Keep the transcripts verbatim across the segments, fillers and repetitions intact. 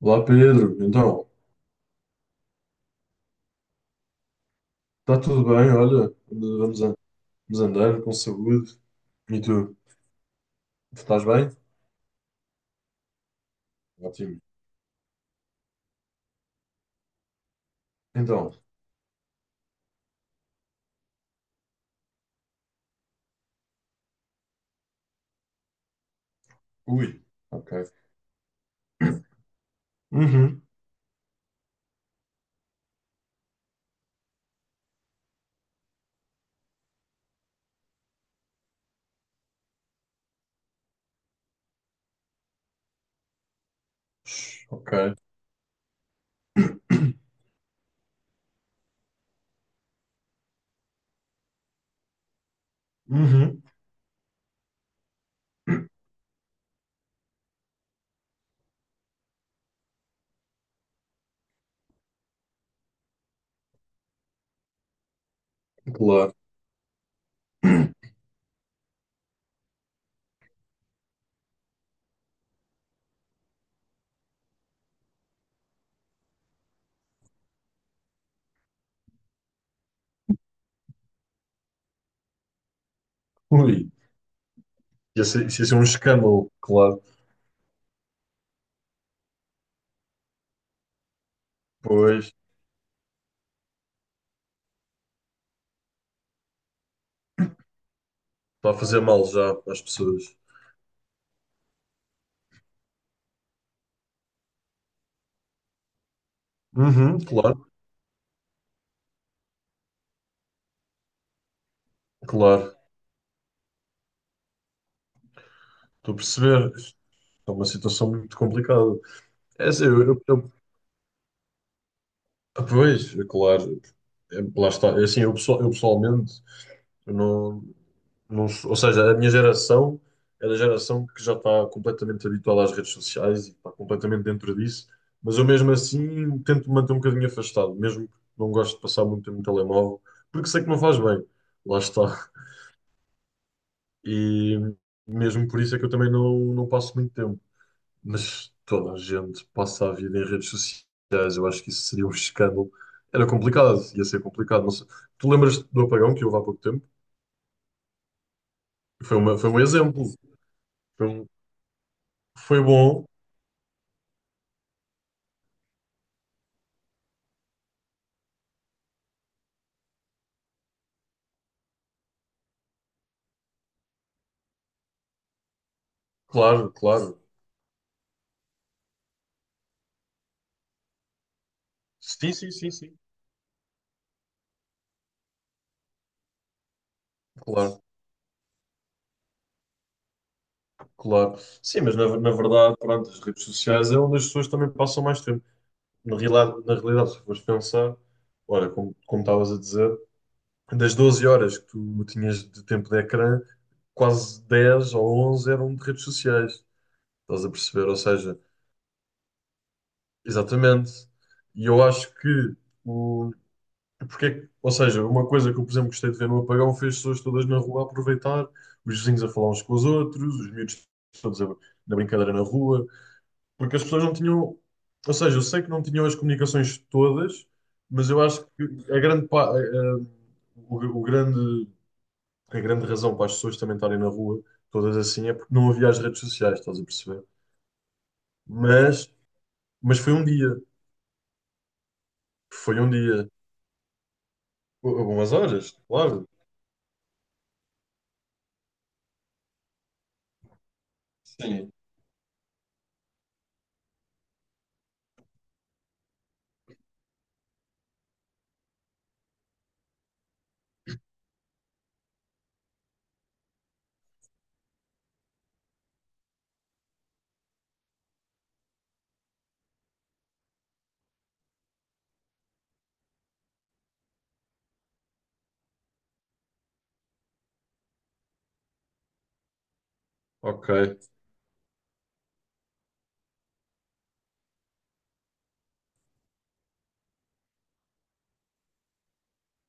Olá Pedro, então, está tudo bem? Olha, ande- vamos, an- vamos andando com saúde. E tu? Estás bem? Ótimo. Então, ui, ok. Uhum. Shhh, ok. Uhum. Claro. Ui, isso ia ser isso ia ser um escândalo, claro. Pois, está a fazer mal já às pessoas. Uhum, claro, claro. Estou a perceber. Isto é uma situação muito complicada. É assim, eu, eu, eu- pois, é claro. É, lá está. É assim, eu, pessoal- eu pessoalmente eu não. Não sou- ou seja, a minha geração é da geração que já está completamente habituada às redes sociais e está completamente dentro disso, mas eu mesmo assim tento me manter um bocadinho afastado, mesmo que não gosto de passar muito tempo no telemóvel, porque sei que não faz bem, lá está. E mesmo por isso é que eu também não, não passo muito tempo. Mas toda a gente passa a vida em redes sociais, eu acho que isso seria um escândalo. Era complicado, ia ser complicado. Não sei. Tu lembras do apagão que houve há pouco tempo? Foi uma, foi um exemplo. Foi, um- foi bom. Claro, claro. Sim, sim, sim, sim. Claro, claro. Sim, mas na, na verdade, pronto, as redes sociais é onde as pessoas também passam mais tempo. Na realidade, na realidade, se fores pensar, olha, como, como estavas a dizer, das doze horas que tu tinhas de tempo de ecrã, quase dez ou onze eram de redes sociais. Estás a perceber? Ou seja, exatamente. E eu acho que porque, ou seja, uma coisa que eu, por exemplo, gostei de ver no apagão foi as pessoas todas na rua a aproveitar, os vizinhos a falar uns com os outros, os miúdos todos a, na brincadeira na rua, porque as pessoas não tinham, ou seja, eu sei que não tinham as comunicações todas, mas eu acho que a grande, pa- a- a- o, o grande, a grande razão para as pessoas também estarem na rua, todas assim, é porque não havia as redes sociais, estás a perceber? Mas, mas foi um dia, foi um dia, algumas horas, claro. Sim. Ok.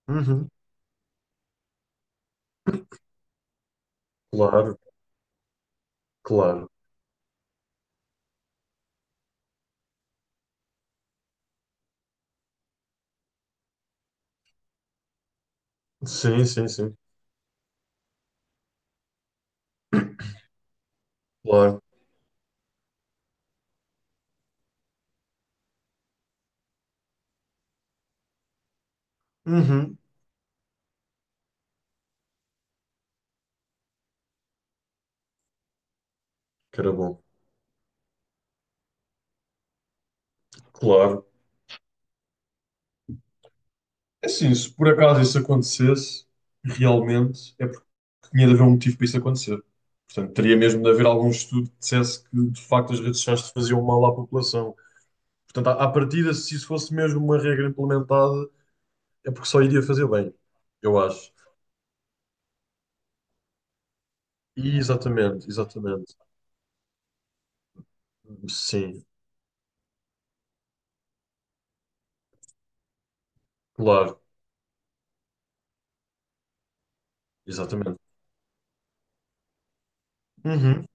Uhum. Claro. Claro. Sim, sim, sim. Claro. Uhum. Que era bom. Claro. É assim, se por acaso isso acontecesse, realmente é porque tinha de haver um motivo para isso acontecer. Portanto, teria mesmo de haver algum estudo que dissesse que, de facto, as redes sociais faziam mal à população. Portanto, à à partida, se isso fosse mesmo uma regra implementada, é porque só iria fazer bem, eu acho. E exatamente, exatamente. Sim, claro, exatamente. Uhum.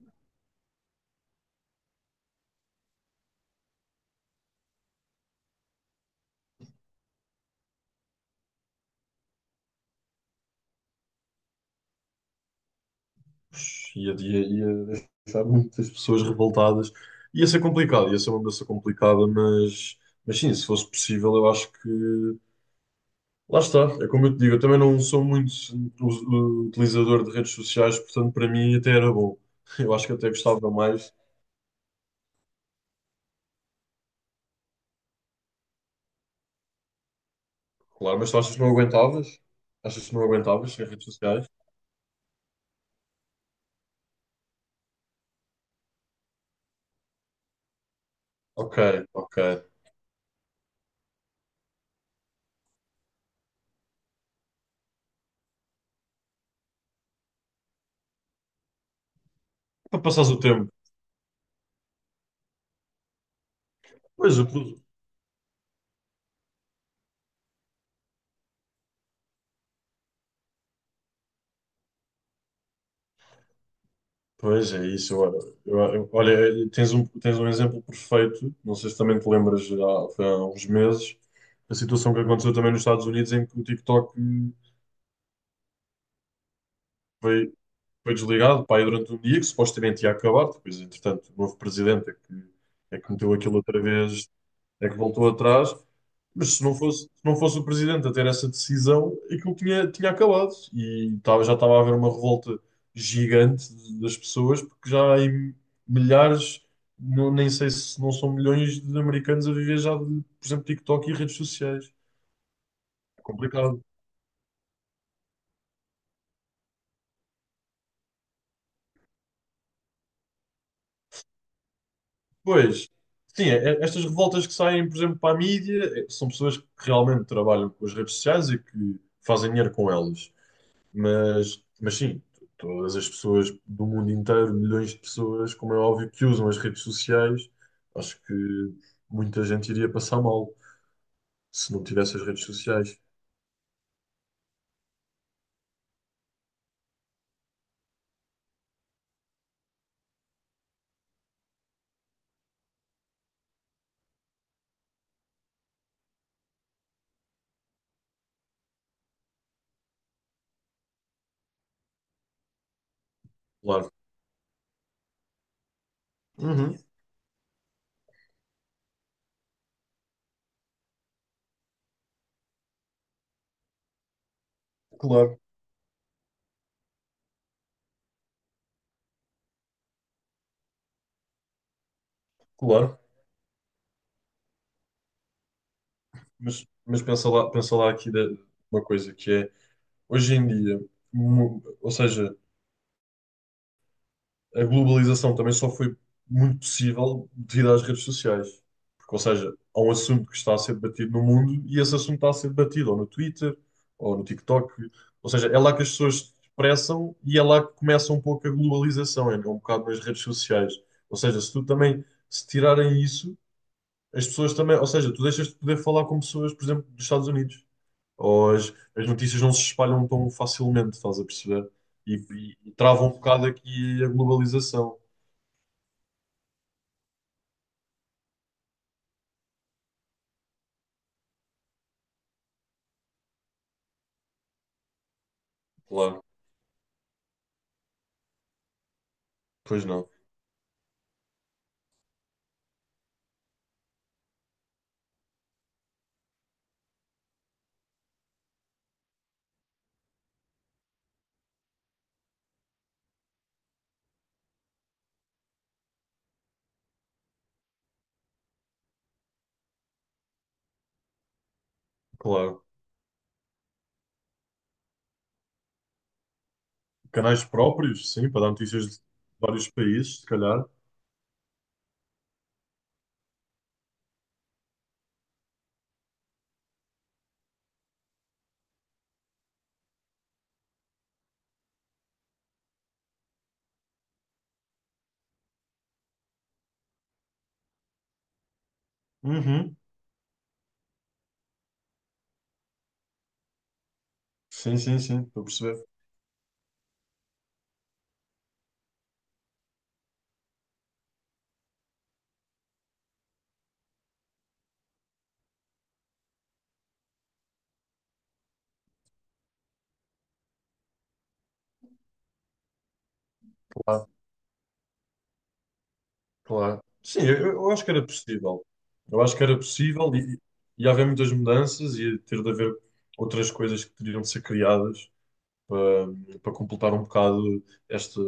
ia, ia, Ia deixar muitas pessoas revoltadas. Ia ser complicado, ia ser uma mudança complicada, mas, mas sim, se fosse possível, eu acho que. Lá está, é como eu te digo, eu também não sou muito us- utilizador de redes sociais, portanto, para mim até era bom. Eu acho que até gostava mais, claro, mas tu achas que não aguentavas? Achas que não aguentavas sem redes sociais? Ok, ok. Para passares o tempo. Pois, eu pois é isso. Eu, eu- eu olha, tens um, tens um exemplo perfeito. Não sei se também te lembras, há, foi há uns meses, a situação que aconteceu também nos Estados Unidos em que o TikTok foi, foi desligado, pá, aí durante um dia que supostamente ia acabar. Depois, entretanto, o novo presidente é que, é que meteu aquilo outra vez é que voltou atrás. Mas se não fosse, se não fosse o presidente a ter essa decisão, aquilo tinha, tinha acabado. E estava- já estava a haver uma revolta gigante de- das pessoas, porque já há em milhares, não- nem sei se não são milhões de americanos a viver já de, por exemplo, TikTok e redes sociais. É complicado. Pois, sim, é- é- estas revoltas que saem, por exemplo, para a mídia, é- são pessoas que realmente trabalham com as redes sociais e que fazem dinheiro com elas. Mas, mas sim, todas as pessoas do mundo inteiro, milhões de pessoas, como é óbvio, que usam as redes sociais, acho que muita gente iria passar mal se não tivesse as redes sociais. Claro. Uhum, claro, claro. Mas, mas pensa lá, pensa lá aqui de uma coisa que é, hoje em dia, mu- ou seja, a globalização também só foi muito possível devido às redes sociais. Porque, ou seja, há um assunto que está a ser debatido no mundo e esse assunto está a ser debatido ou no Twitter ou no TikTok. Ou seja, é lá que as pessoas se expressam e é lá que começa um pouco a globalização, é um bocado nas redes sociais. Ou seja, se tu também, se tirarem isso, as pessoas também, ou seja, tu deixas de poder falar com pessoas, por exemplo, dos Estados Unidos. Ou as, as notícias não se espalham tão facilmente, estás a perceber? E, e, e trava um bocado aqui a globalização. Claro, pois não, claro. Canais próprios, sim, para dar notícias de vários países, se calhar. Uhum. Sim, sim, sim, estou a perceber. Claro, claro. Sim, eu, eu acho que era possível. Eu acho que era possível e ia haver muitas mudanças, ia ter de haver outras coisas que teriam de ser criadas para, para completar um bocado esta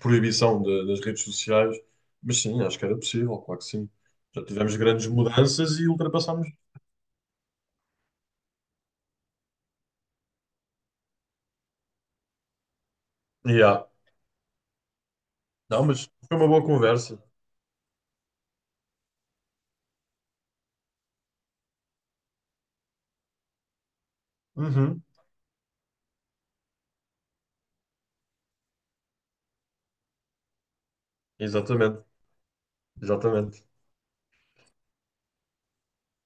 proibição da- das redes sociais. Mas sim, acho que era possível, claro que sim. Já tivemos grandes mudanças e ultrapassámos. Yeah. Não, mas foi uma boa conversa. Uhum. Exatamente, exatamente.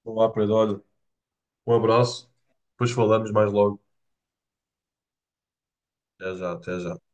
Vamos lá, Pedro. Olha, um abraço. Depois falamos mais logo. Até já, até já.